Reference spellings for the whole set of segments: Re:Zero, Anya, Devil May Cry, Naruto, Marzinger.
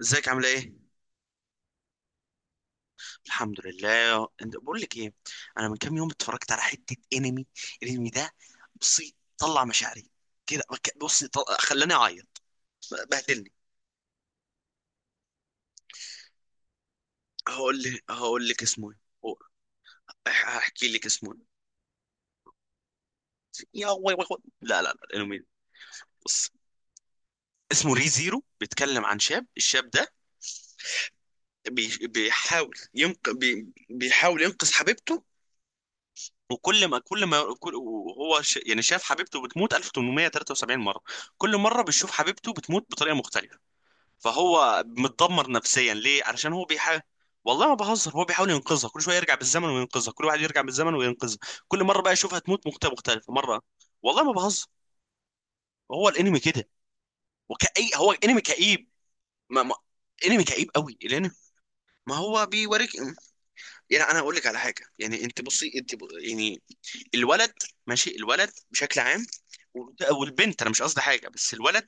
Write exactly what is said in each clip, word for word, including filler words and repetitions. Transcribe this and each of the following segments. ازيك، عامله ايه؟ الحمد لله. انت، بقول لك ايه، انا من كام يوم اتفرجت على حته انمي. الانمي ده، بصي طلع مشاعري كده. بك- بصي طل... خلاني اعيط. بهدلني. هقول لك هقول لك اسمه ايه. هو- هح- هحكي لك اسمه إيه. يا وي وي وي. لا لا لا الانمي ده، بص. اسمه ري زيرو. بيتكلم عن شاب. الشاب ده بي... بيحاول ينق... بي... بيحاول ينقذ حبيبته. وكل ما كل ما كل وهو ش... يعني شاف حبيبته بتموت ألف وثمانمائة وثلاثة وسبعين مرة. كل مرة بيشوف حبيبته بتموت بطريقة مختلفة. فهو متدمر نفسيا، ليه؟ علشان هو بيحاول. والله ما بهزر، هو بيحاول ينقذها، كل شوية يرجع بالزمن وينقذها، كل واحد يرجع بالزمن وينقذها. كل مرة بقى يشوفها تموت مختلفة، مختلفة مرة. والله ما بهزر. هو الانمي كده. وكأي هو انمي كئيب. ما... ما... انمي كئيب قوي الانمي. ما هو بيوريك. يعني انا اقول لك على حاجه، يعني انت بصي، انت ب... يعني الولد، ماشي، الولد بشكل عام، والبنت، انا مش قصدي حاجه، بس الولد،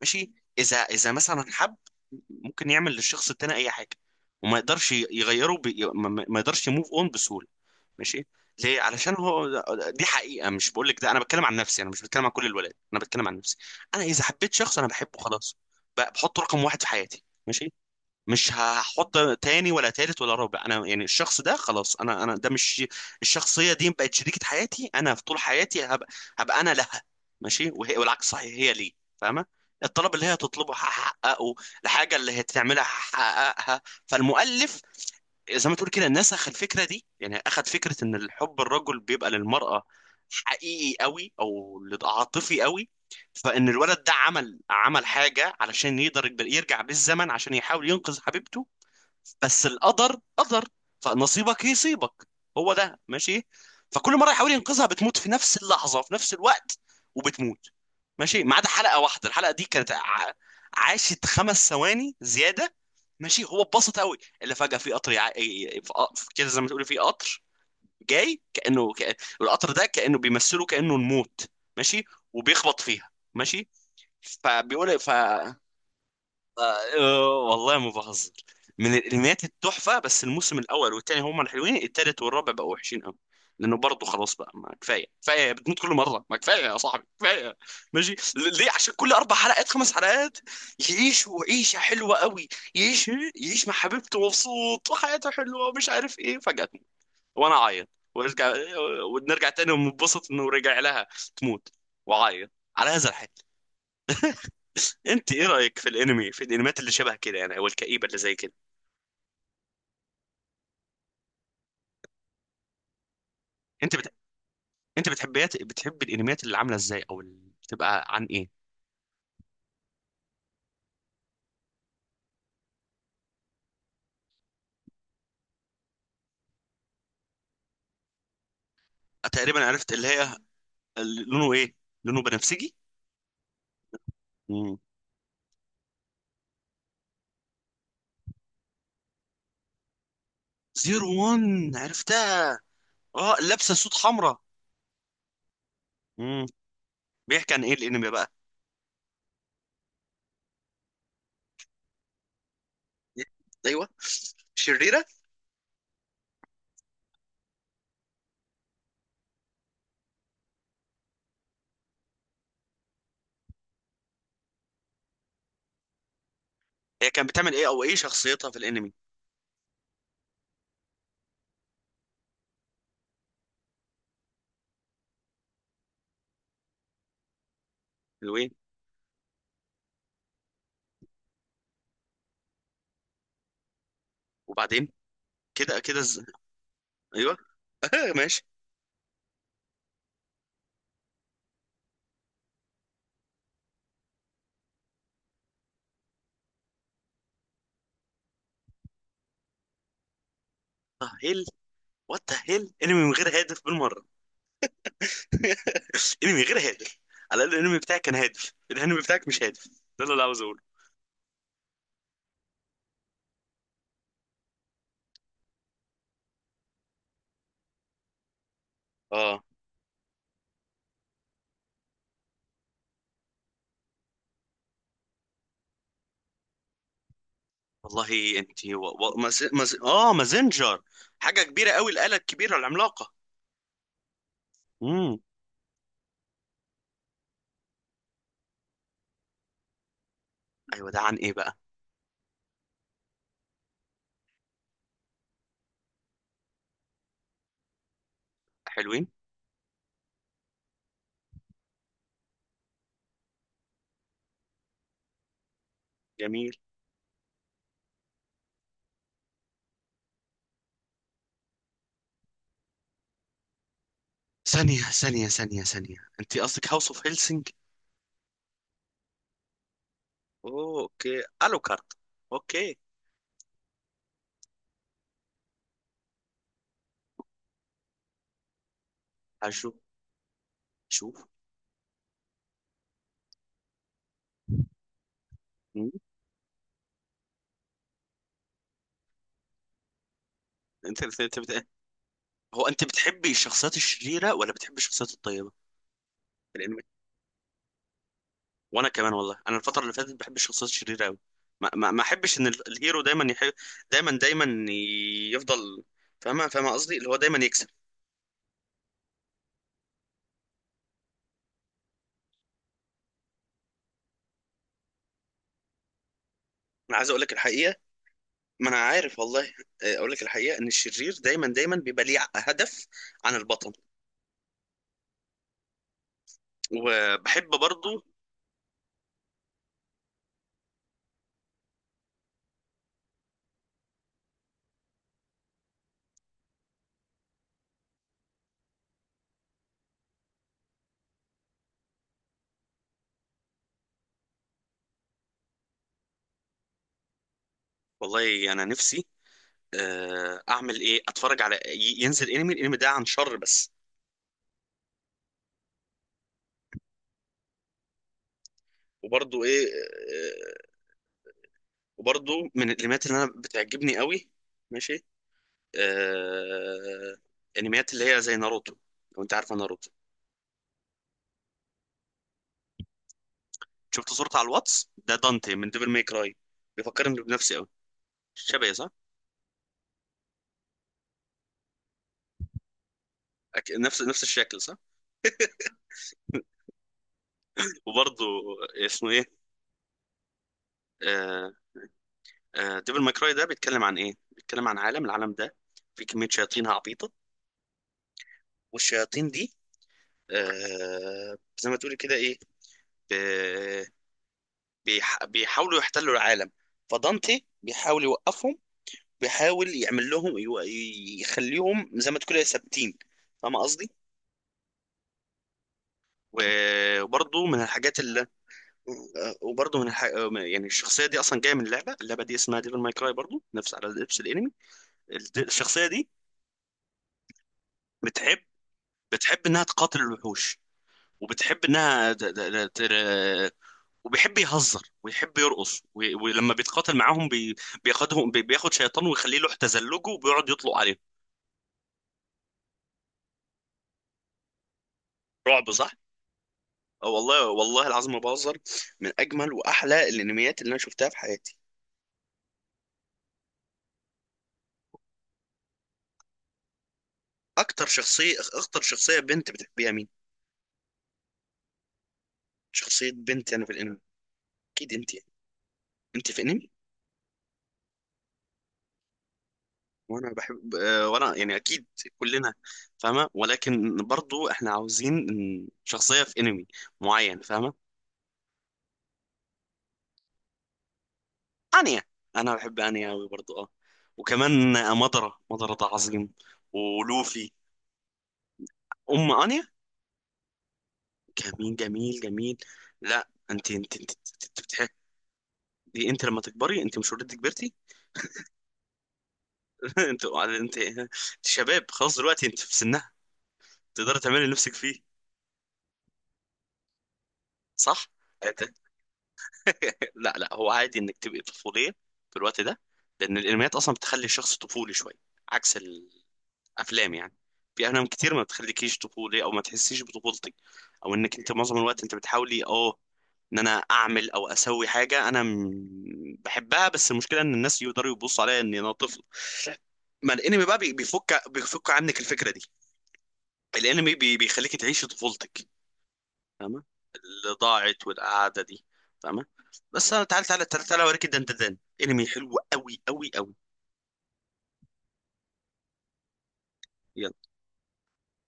ماشي. اذا اذا مثلا حب، ممكن يعمل للشخص التاني اي حاجه، وما يقدرش يغيره بي... ما ما- ما يقدرش يموف اون بسهوله. ماشي، ليه؟ علشان هو، دي حقيقه، مش بقول لك ده، انا بتكلم عن نفسي، انا مش بتكلم عن كل الولاد، انا بتكلم عن نفسي. انا اذا حبيت شخص، انا بحبه خلاص. ب- بحطه رقم واحد في حياتي، ماشي. مش هحط تاني ولا تالت ولا رابع. انا يعني الشخص ده خلاص، انا انا ده مش، الشخصيه دي بقت شريكه حياتي. انا في طول حياتي هبقى، هبقى انا لها، ماشي. وهي، والعكس صحيح، هي لي، فاهمه؟ الطلب اللي هي تطلبه هحققه، الحاجه اللي هي تعملها هحققها. فالمؤلف زي ما تقول كده نسخ الفكره دي، يعني اخذ فكره ان الحب، الرجل بيبقى للمراه حقيقي قوي او عاطفي قوي. فان الولد ده عمل عمل حاجه علشان يقدر يقبل- يرجع بالزمن عشان يحاول ينقذ حبيبته. بس القدر قدر. فنصيبك يصيبك. هو ده، ماشي. فكل مره يحاول ينقذها، بتموت في نفس اللحظه، في نفس الوقت، وبتموت. ماشي، ما عدا حلقه واحده. الحلقه دي كانت ع- عاشت خمس ثواني زياده، ماشي. هو اتبسط قوي اللي فجاه في قطر، يع... في ق- في كده، زي ما تقولي في قطر جاي، كانه ك... القطر ده كانه بيمثله، كانه الموت، ماشي. وبيخبط فيها، ماشي. فبيقول ف آه، والله ما بهزر. من الانميات التحفه، بس الموسم الاول والثاني هما الحلوين، الثالث والرابع بقوا وحشين قوي. لانه برضه خلاص بقى، ما كفايه كفايه، بتموت كل مره، ما كفايه يا صاحبي، كفايه. ماشي، ل- ليه؟ عشان كل اربع حلقات، خمس حلقات، يعيش عيشه حلوه قوي. يعيش يعيش مع حبيبته مبسوط، وحياته حلوه، ومش عارف ايه، فجأة تموت. وانا اعيط، وارجع، ونرجع تاني وننبسط انه رجع لها، تموت، وعيط، على هذا الحال. انت ايه رايك في الانمي في الانميات اللي شبه كده يعني، او الكئيبه اللي زي كده؟ انت بت... انت بتحبيات بتحب الانميات اللي عامله ازاي، او اللي بتبقى عن ايه؟ تقريبا عرفت اللي هي، اللي لونه ايه؟ لونه بنفسجي؟ امم. زيرو وان، عرفتها. اه، لابسه سوت حمراء. امم. بيحكي عن ايه الانمي بقى؟ ايوه، شريره. هي كانت بتعمل ايه، او ايه شخصيتها في الانمي؟ اللي هو ايه؟ وبعدين؟ كده كده ز... ايوه، ماشي. اه هيل، وات ذا هيل، انمي من غير هدف بالمره. انمي غير هادف. على الاقل الانمي بتاعك كان هادف، الانمي بتاعك مش هادف، ده اللي انا عاوز اقوله. اه والله انت و... و... مز... مز... اه مازنجر، حاجه كبيره قوي، الاله الكبيره العملاقه. امم. ايوه ده عن ايه بقى؟ حلوين، جميل. ثانيه ثانيه ثانيه ثانيه، انت قصدك هاوس اوف هيلسنج؟ اوه اوكي، الو كارت. اوكي. هشوف، شوف. مم. انت انت بت... هو انت بتحبي الشخصيات الشريره ولا بتحبي الشخصيات الطيبه؟ الانمي، وانا كمان والله، انا الفتره اللي فاتت بحب الشخصيات الشريره قوي. ما, ما, ما احبش ان ال- الهيرو دايما يحب، دايما دايما ي- يفضل، فاهمه؟ فاهمه قصدي، اللي هو دايما يكسب. انا عايز اقول لك الحقيقه، ما انا عارف والله. آه، اقول لك الحقيقه، ان الشرير دايما دايما بيبقى ليه هدف عن البطل، وبحب برضو. والله انا نفسي، آه، اعمل ايه، اتفرج على، ي- ينزل انمي، الانمي ده عن شر بس. وبرضو ايه، آه، وبرضو من الانميات اللي انا بتعجبني قوي، ماشي. آه... انميات اللي هي زي ناروتو، لو انت عارفه ناروتو. شفت صورته على الواتس، ده دانتي من ديفل ماي كراي، بيفكرني بنفسي قوي. شبهي صح؟ أك... نفس نفس الشكل صح؟ وبرضه اسمه ايه، آه... آه... ديفل ماي كراي ده بيتكلم عن ايه؟ بيتكلم عن عالم، العالم ده، في كميه شياطين عبيطه. والشياطين دي آه... زي ما تقولي كده ايه، ب... بيح... بيحاولوا يحتلوا العالم. فدانتي بيحاول يوقفهم، بيحاول يعمل لهم يو- يخليهم زي ما تقول إيه، ثابتين. فاهم قصدي؟ و- وبرضه من الحاجات اللي آه، وبرضه من الح... آه، يعني الشخصيه دي اصلا جايه من لعبه. اللعبه دي اسمها ديفل ماي كراي برضه، نفس على نفس الانمي. الد- الشخصيه دي بتحب بتحب انها تقاتل الوحوش، وبتحب انها د... د... د... ت- وبيحب يهزر، ويحب يرقص، و... ولما بيتقاتل معاهم، بي... بياخدهم بي... بياخد شيطان ويخليه له تزلجه، وبيقعد يطلق عليه. رعب، صح؟ اه والله، والله العظيم ما بهزر. من اجمل واحلى الانميات اللي انا شفتها في حياتي. اكتر شخصيه اكتر شخصيه بنت بتحبيها مين؟ شخصيه بنت يعني في الانمي، اكيد انت يعني. انت في انمي، وانا بحب آه، وانا يعني اكيد، كلنا فاهمه، ولكن برضو احنا عاوزين إن شخصيه في انمي معين، فاهمه؟ انيا. انا بحب انيا قوي برضو، اه. وكمان آه، مضرة، مضرة ده عظيم، ولوفي. ام انيا، جميل جميل جميل. لا انت انت انت, انت, انت, دي انت لما تكبري، انت مش اوريدي كبرتي. انت انت انت شباب خلاص دلوقتي، انت في سنها، تقدري تعملي اللي نفسك فيه، صح؟ انت- لا لا، هو عادي انك تبقي طفوليه في الوقت ده، لان الانميات اصلا بتخلي الشخص طفولي شويه، عكس الافلام يعني. في افلام كتير ما بتخليكيش طفولي، او ما تحسيش بطفولتك، او انك انت معظم الوقت انت بتحاولي، اه ان انا اعمل او اسوي حاجه انا م- بحبها، بس المشكله ان الناس يقدروا يبصوا عليا ان انا طفل. ما الانمي بقى بي- بيفك بيفك عنك الفكره دي، الانمي بي- بيخليك تعيشي طفولتك، فاهمه؟ اللي ضاعت والقعده دي، فاهمه؟ بس انا، تعال تعال تعال تعال اوريك الدندان، انمي حلو قوي قوي قوي.